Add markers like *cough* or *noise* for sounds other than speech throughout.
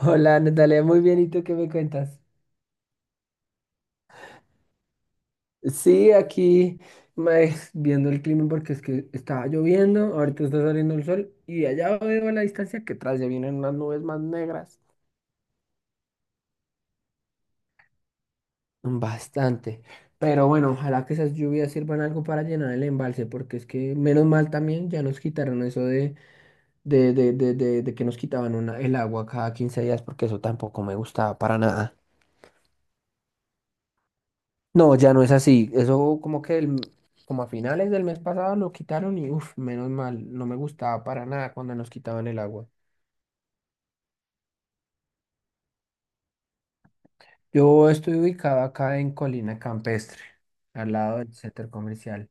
Hola, Natalia, muy bien. ¿Y tú qué me cuentas? Sí, aquí viendo el clima porque es que estaba lloviendo, ahorita está saliendo el sol y allá veo a la distancia que atrás ya vienen unas nubes más negras. Bastante. Pero bueno, ojalá que esas lluvias sirvan algo para llenar el embalse, porque es que menos mal también ya nos quitaron eso de que nos quitaban el agua cada 15 días, porque eso tampoco me gustaba para nada. No, ya no es así. Eso como a finales del mes pasado lo quitaron y uff, menos mal, no me gustaba para nada cuando nos quitaban el agua. Yo estoy ubicado acá en Colina Campestre, al lado del centro comercial.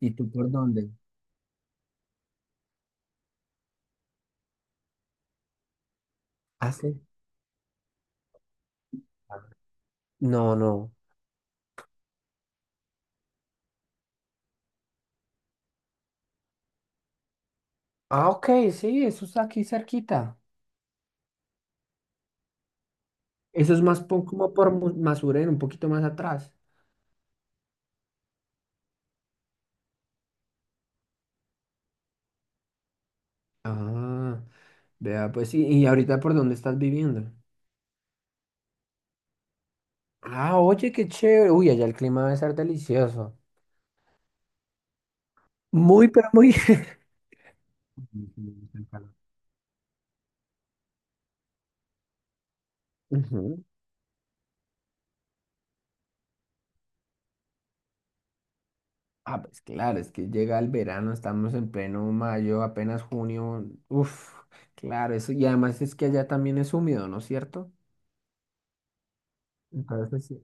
¿Y tú por dónde? Ah, sí. No, no. Ah, ok, sí, eso está aquí cerquita. Eso es como por Masuren, un poquito más atrás. Ah, vea, pues sí. ¿Y ahorita por dónde estás viviendo? Ah, oye, qué chévere. Uy, allá el clima debe ser delicioso. Muy, pero muy. *laughs* Ujú. Ah, pues claro, es que llega el verano, estamos en pleno mayo, apenas junio. Uf, claro, eso. Y además es que allá también es húmedo, ¿no es cierto? Entonces, sí.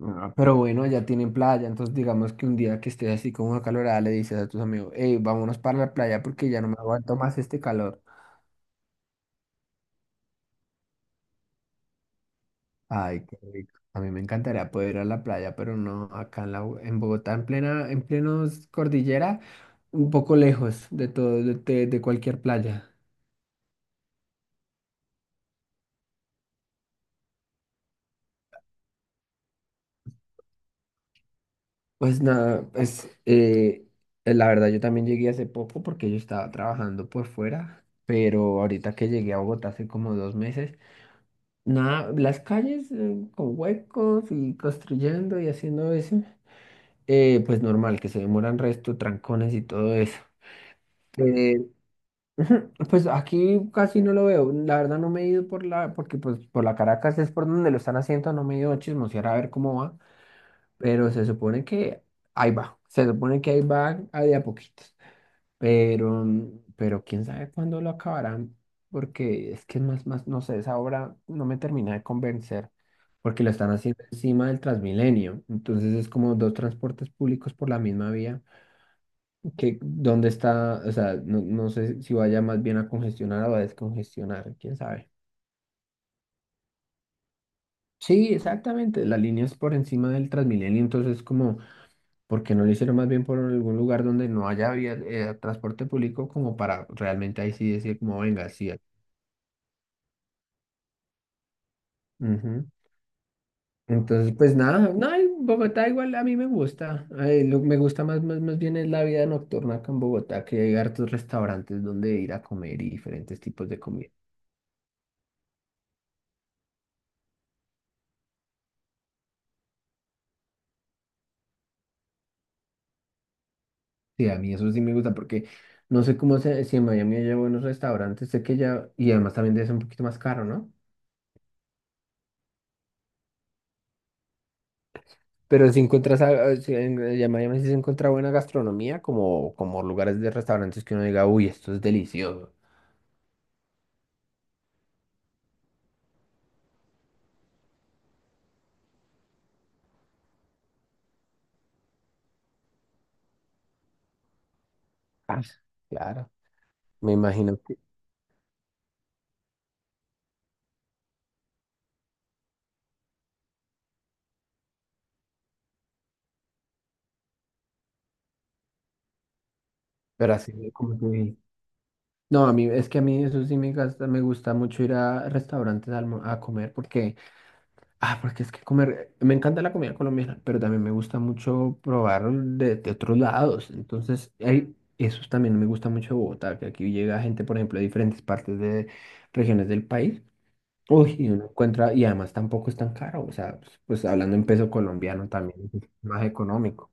Ah, pero bueno, allá tienen playa, entonces digamos que un día que estés así con una calorada le dices a tus amigos, hey, vámonos para la playa porque ya no me aguanto más este calor. Ay, qué rico. A mí me encantaría poder ir a la playa, pero no acá en Bogotá, en plenos cordillera, un poco lejos de todo, de cualquier playa. Pues nada, la verdad yo también llegué hace poco porque yo estaba trabajando por fuera, pero ahorita que llegué a Bogotá hace como 2 meses, nada, las calles con huecos y construyendo y haciendo eso, pues normal, que se demoran resto, trancones y todo eso. Eh, Ujú. Pues aquí casi no lo veo. La verdad no me he ido por porque pues por la Caracas es por donde lo están haciendo, no me he ido a chismosear a ver cómo va, pero se supone que ahí va, se supone que ahí va a de a poquitos, pero, pero quién sabe cuándo lo acabarán, porque es que no sé, esa obra no me termina de convencer, porque lo están haciendo encima del Transmilenio, entonces es como dos transportes públicos por la misma vía que dónde está, o sea, no, no sé si vaya más bien a congestionar o a descongestionar, quién sabe. Sí, exactamente, la línea es por encima del Transmilenio, entonces como, ¿por qué no lo hicieron más bien por algún lugar donde no haya transporte público como para realmente ahí sí decir como, venga, sí. Ujú. Entonces, pues nada, no, en Bogotá igual a mí me gusta, lo que me gusta más bien es la vida nocturna acá en Bogotá, que hay hartos restaurantes donde ir a comer y diferentes tipos de comida. Sí, a mí eso sí me gusta porque no sé si en Miami hay buenos restaurantes, sé que ya, y además también debe ser un poquito más caro, ¿no? Pero si encuentras, si en Miami sí se encuentra buena gastronomía, como, como lugares de restaurantes que uno diga, uy, esto es delicioso. Ah, claro, me imagino que, pero así no, a mí, es que a mí eso sí me gasta, me gusta mucho ir a restaurantes a comer porque... Ah, porque es que comer, me encanta la comida colombiana, pero también me gusta mucho probar de otros lados. Entonces, Mm. hay, eso también me gusta mucho de Bogotá, que aquí llega gente, por ejemplo, de diferentes partes de regiones del país. Uy, y uno encuentra, y además tampoco es tan caro. O sea, pues, pues hablando en peso colombiano también es más económico.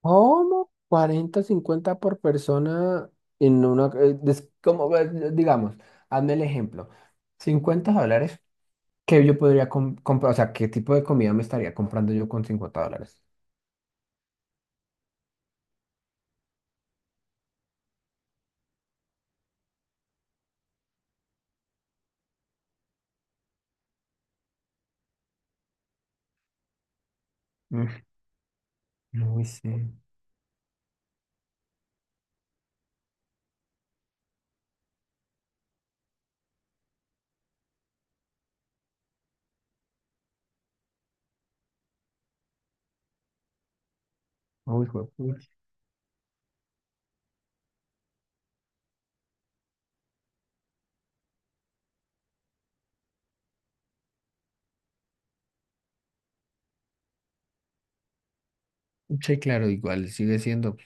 ¿Cómo? 40, 50 por persona en una... digamos, hazme el ejemplo. $50. ¿Qué yo podría comprar? O sea, ¿qué tipo de comida me estaría comprando yo con $50? Mm, no sé. Uy, juepucha. Che, claro, igual sigue siendo.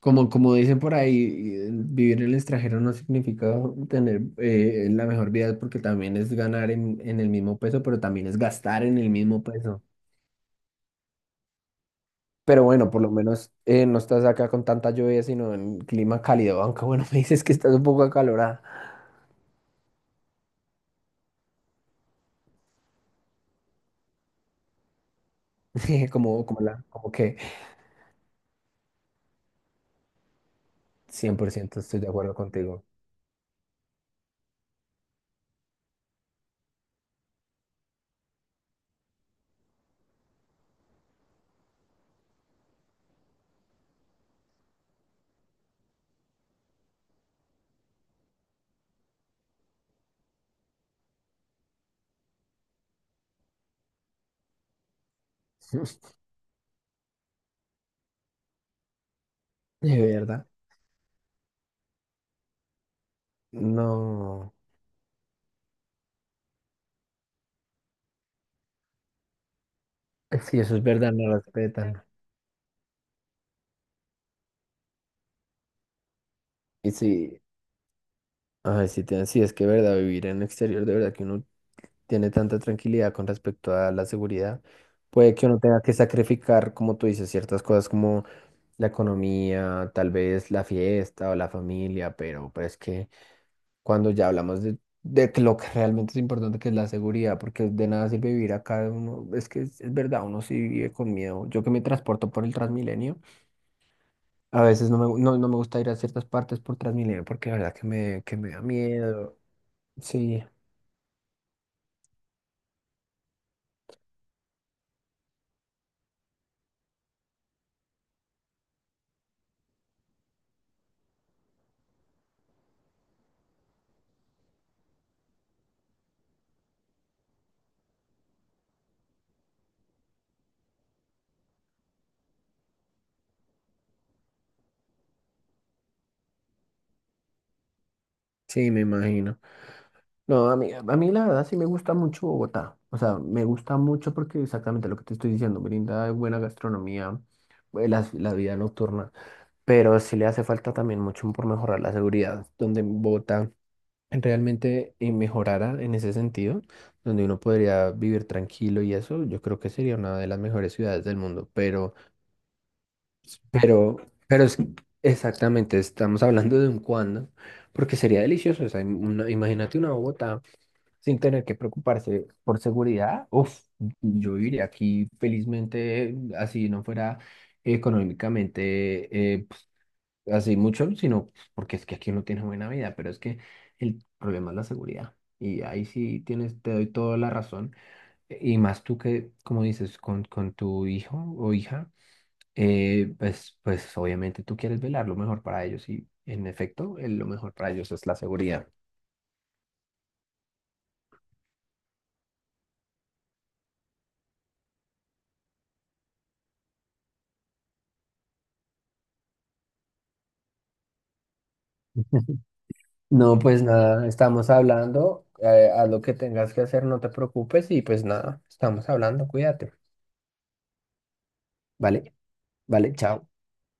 Como, como dicen por ahí, vivir en el extranjero no significa tener la mejor vida porque también es ganar en el mismo peso, pero también es gastar en el mismo peso. Pero bueno, por lo menos no estás acá con tanta lluvia, sino en clima cálido, aunque bueno, *laughs* me dices que estás un poco acalorada, *laughs* como, como, la, como que 100% estoy de acuerdo contigo. *laughs* De verdad. No. Sí, eso es verdad, no respetan. Y sí, ay, sí, sí, es que verdad, vivir en el exterior, de verdad que uno tiene tanta tranquilidad con respecto a la seguridad. Puede que uno tenga que sacrificar, como tú dices, ciertas cosas como la economía, tal vez la fiesta o la familia, pero es que cuando ya hablamos de que lo que realmente es importante, que es la seguridad, porque de nada sirve vivir acá, uno, es que es verdad, uno sí vive con miedo. Yo que me transporto por el Transmilenio. A veces no me gusta ir a ciertas partes por Transmilenio porque la verdad que que me da miedo. Sí, sí, me imagino. No, a mí la verdad sí me gusta mucho Bogotá. O sea, me gusta mucho porque exactamente lo que te estoy diciendo, brinda buena gastronomía, la vida nocturna, pero sí le hace falta también mucho por mejorar la seguridad, donde Bogotá realmente mejorara en ese sentido, donde uno podría vivir tranquilo y eso, yo creo que sería una de las mejores ciudades del mundo, pero... Pero, pero es exactamente, estamos hablando de un cuándo, porque sería delicioso. O sea, imagínate una Bogotá sin tener que preocuparse por seguridad. Uf, yo viviría aquí felizmente, así no fuera económicamente pues, así mucho, sino pues, porque es que aquí uno tiene buena vida, pero es que el problema es la seguridad. Y ahí sí tienes, te doy toda la razón. Y más tú que, como dices, con tu hijo o hija pues, pues obviamente tú quieres velar lo mejor para ellos y en efecto lo mejor para ellos es la seguridad. *laughs* No, pues nada, estamos hablando, haz lo que tengas que hacer, no te preocupes y pues nada, estamos hablando, cuídate. Vale, vale, chao.